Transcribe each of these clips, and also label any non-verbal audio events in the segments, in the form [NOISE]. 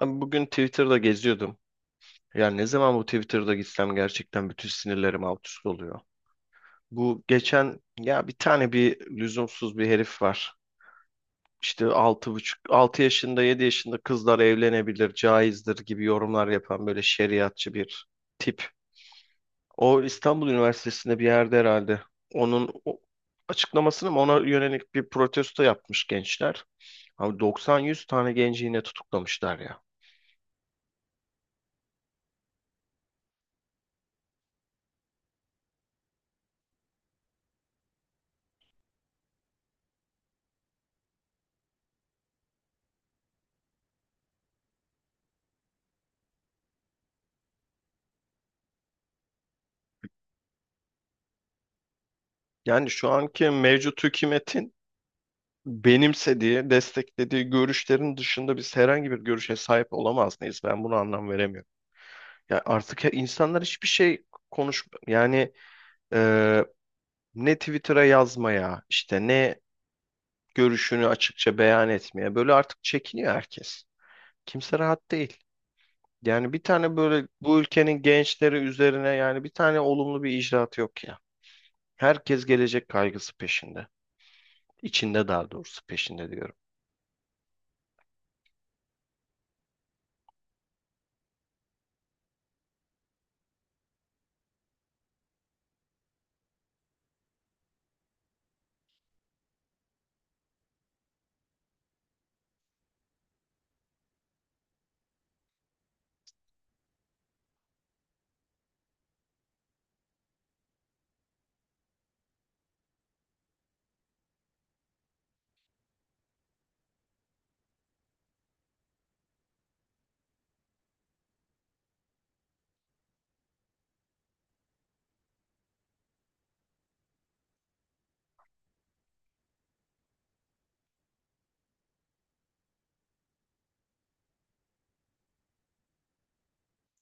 Ben bugün Twitter'da geziyordum. Yani ne zaman bu Twitter'da gitsem gerçekten bütün sinirlerim alt üst oluyor. Bu geçen ya bir tane bir lüzumsuz bir herif var. İşte 6,5, 6 yaşında 7 yaşında kızlar evlenebilir, caizdir gibi yorumlar yapan böyle şeriatçı bir tip. O İstanbul Üniversitesi'nde bir yerde herhalde. Onun açıklamasını mı ona yönelik bir protesto yapmış gençler. Abi 90-100 tane genci yine tutuklamışlar ya. Yani şu anki mevcut hükümetin benimsediği, desteklediği görüşlerin dışında biz herhangi bir görüşe sahip olamaz mıyız? Ben bunu anlam veremiyorum. Ya artık insanlar hiçbir şey konuş yani e, ne Twitter'a yazmaya, işte ne görüşünü açıkça beyan etmeye. Böyle artık çekiniyor herkes. Kimse rahat değil. Yani bir tane böyle bu ülkenin gençleri üzerine yani bir tane olumlu bir icraat yok ya. Herkes gelecek kaygısı peşinde. İçinde daha doğrusu peşinde diyorum.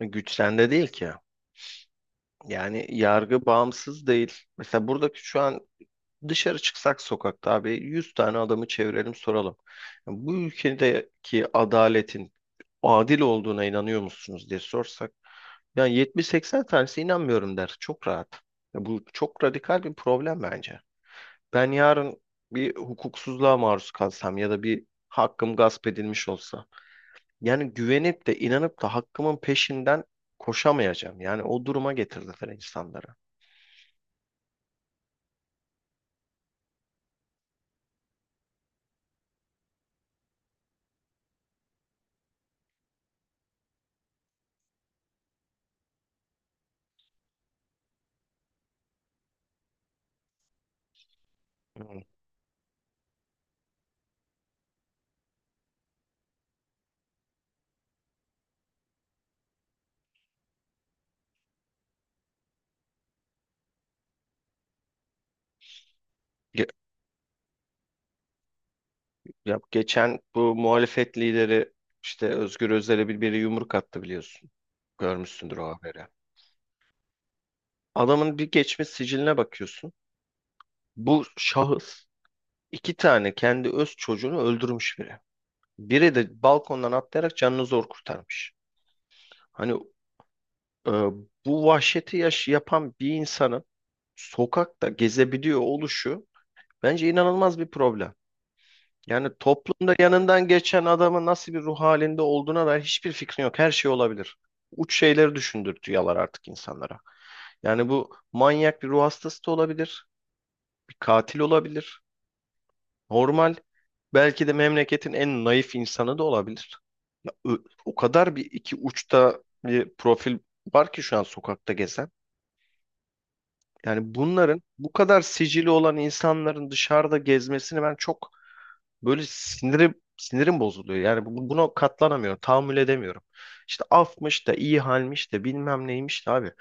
Güç sende değil ki. Yani yargı bağımsız değil. Mesela buradaki şu an dışarı çıksak sokakta abi 100 tane adamı çevirelim, soralım. Bu ülkedeki adaletin adil olduğuna inanıyor musunuz diye sorsak yani 70-80 tanesi inanmıyorum der. Çok rahat. Ya, bu çok radikal bir problem bence. Ben yarın bir hukuksuzluğa maruz kalsam ya da bir hakkım gasp edilmiş olsa yani güvenip de inanıp da hakkımın peşinden koşamayacağım. Yani o duruma getirdiler insanları. Hmm. Ya Ya, geçen bu muhalefet lideri işte Özgür Özel'e biri yumruk attı, biliyorsun. Görmüşsündür o haberi. Adamın bir geçmiş siciline bakıyorsun. Bu şahıs iki tane kendi öz çocuğunu öldürmüş biri. Biri de balkondan atlayarak canını zor kurtarmış. Hani e, bu vahşeti yaş yapan bir insanın sokakta gezebiliyor oluşu bence inanılmaz bir problem. Yani toplumda yanından geçen adamın nasıl bir ruh halinde olduğuna dair hiçbir fikrin yok. Her şey olabilir. Uç şeyleri düşündürtüyorlar artık insanlara. Yani bu manyak bir ruh hastası da olabilir. Bir katil olabilir. Normal. Belki de memleketin en naif insanı da olabilir. Ö- O kadar bir iki uçta bir profil var ki şu an sokakta gezen. Yani bunların bu kadar sicili olan insanların dışarıda gezmesini ben çok... Böyle sinirim sinirim bozuluyor. Yani buna katlanamıyorum. Tahammül edemiyorum. İşte afmış da iyi halmiş de bilmem neymiş de abi.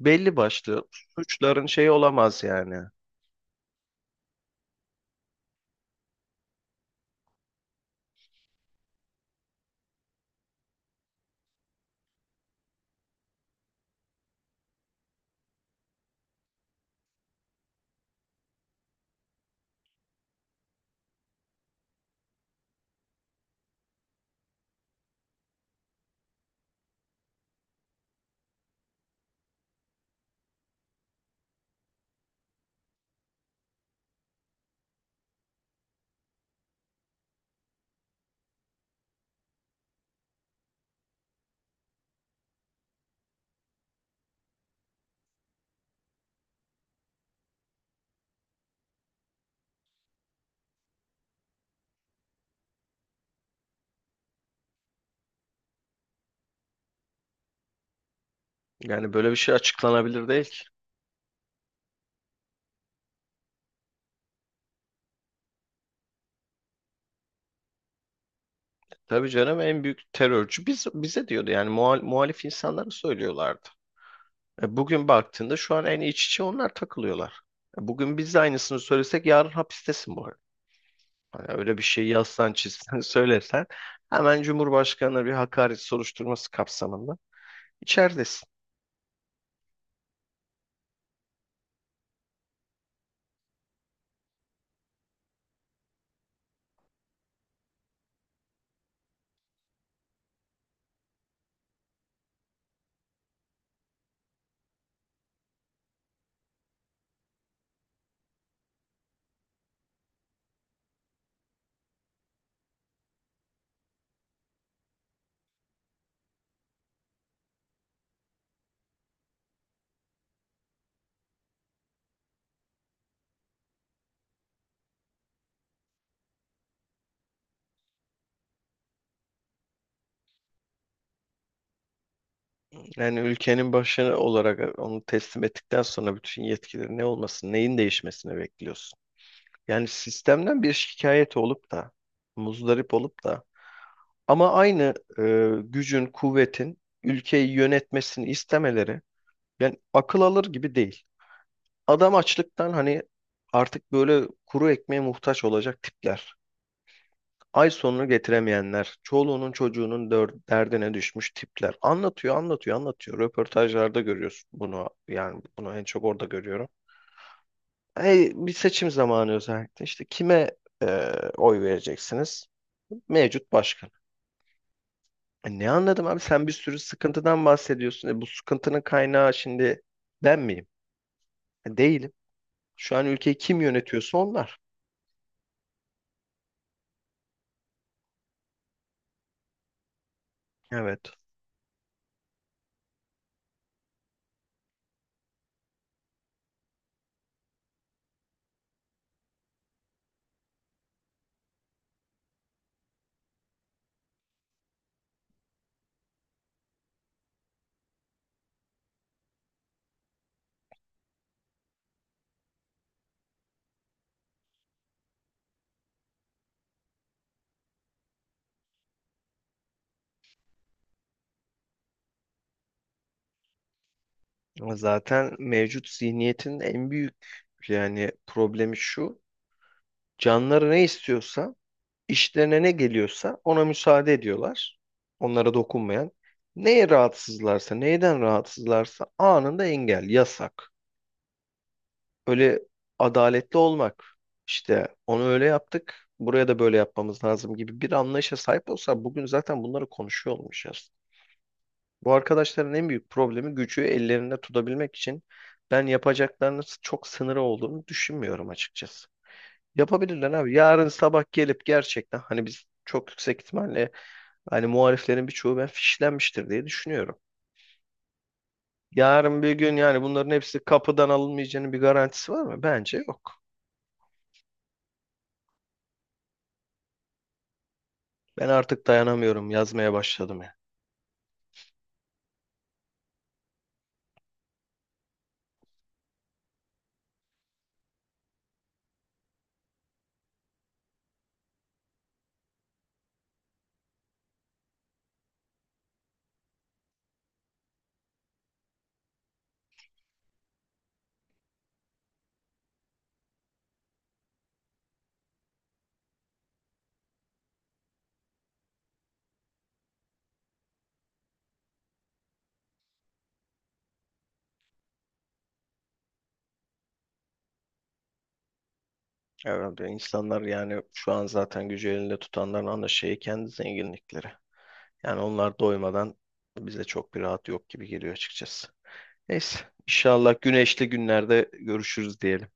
Belli başlı suçların şeyi olamaz yani. Yani böyle bir şey açıklanabilir değil ki. Tabii canım, en büyük terörcü biz, bize diyordu yani muhalif insanlara söylüyorlardı. E, bugün baktığında şu an en iç içe onlar takılıyorlar. E, bugün biz de aynısını söylesek yarın hapistesin bu arada. Hani öyle bir şey yazsan çizsen [LAUGHS] söylesen hemen Cumhurbaşkanı'na bir hakaret soruşturması kapsamında İçeridesin. Yani ülkenin başkanı olarak onu teslim ettikten sonra bütün yetkileri ne olmasın, neyin değişmesini bekliyorsun? Yani sistemden bir şikayet olup da, muzdarip olup da ama aynı gücün, kuvvetin ülkeyi yönetmesini istemeleri yani akıl alır gibi değil. Adam açlıktan hani artık böyle kuru ekmeğe muhtaç olacak tipler. Ay sonunu getiremeyenler, çoluğunun çocuğunun derdine düşmüş tipler. Anlatıyor, anlatıyor, anlatıyor. Röportajlarda görüyorsun bunu. Yani bunu en çok orada görüyorum. Hey, bir seçim zamanı özellikle. İşte kime e, oy vereceksiniz? Mevcut başkan. E, ne anladım abi? Sen bir sürü sıkıntıdan bahsediyorsun. E, bu sıkıntının kaynağı şimdi ben miyim? E, değilim. Şu an ülkeyi kim yönetiyorsa onlar. Evet. Zaten mevcut zihniyetin en büyük yani problemi şu. Canları ne istiyorsa, işlerine ne geliyorsa ona müsaade ediyorlar. Onlara dokunmayan. Neye rahatsızlarsa, neyden rahatsızlarsa anında engel, yasak. Öyle adaletli olmak. İşte onu öyle yaptık, buraya da böyle yapmamız lazım gibi bir anlayışa sahip olsa bugün zaten bunları konuşuyor olmayacağız. Bu arkadaşların en büyük problemi gücü ellerinde tutabilmek için ben yapacaklarının çok sınırı olduğunu düşünmüyorum açıkçası. Yapabilirler abi. Yarın sabah gelip gerçekten hani biz çok yüksek ihtimalle hani muhaliflerin birçoğu ben fişlenmiştir diye düşünüyorum. Yarın bir gün yani bunların hepsi kapıdan alınmayacağının bir garantisi var mı? Bence yok. Ben artık dayanamıyorum. Yazmaya başladım ya. Herhalde insanlar yani şu an zaten gücü elinde tutanların ana şeyi kendi zenginlikleri. Yani onlar doymadan bize çok bir rahat yok gibi geliyor açıkçası. Neyse, inşallah güneşli günlerde görüşürüz diyelim.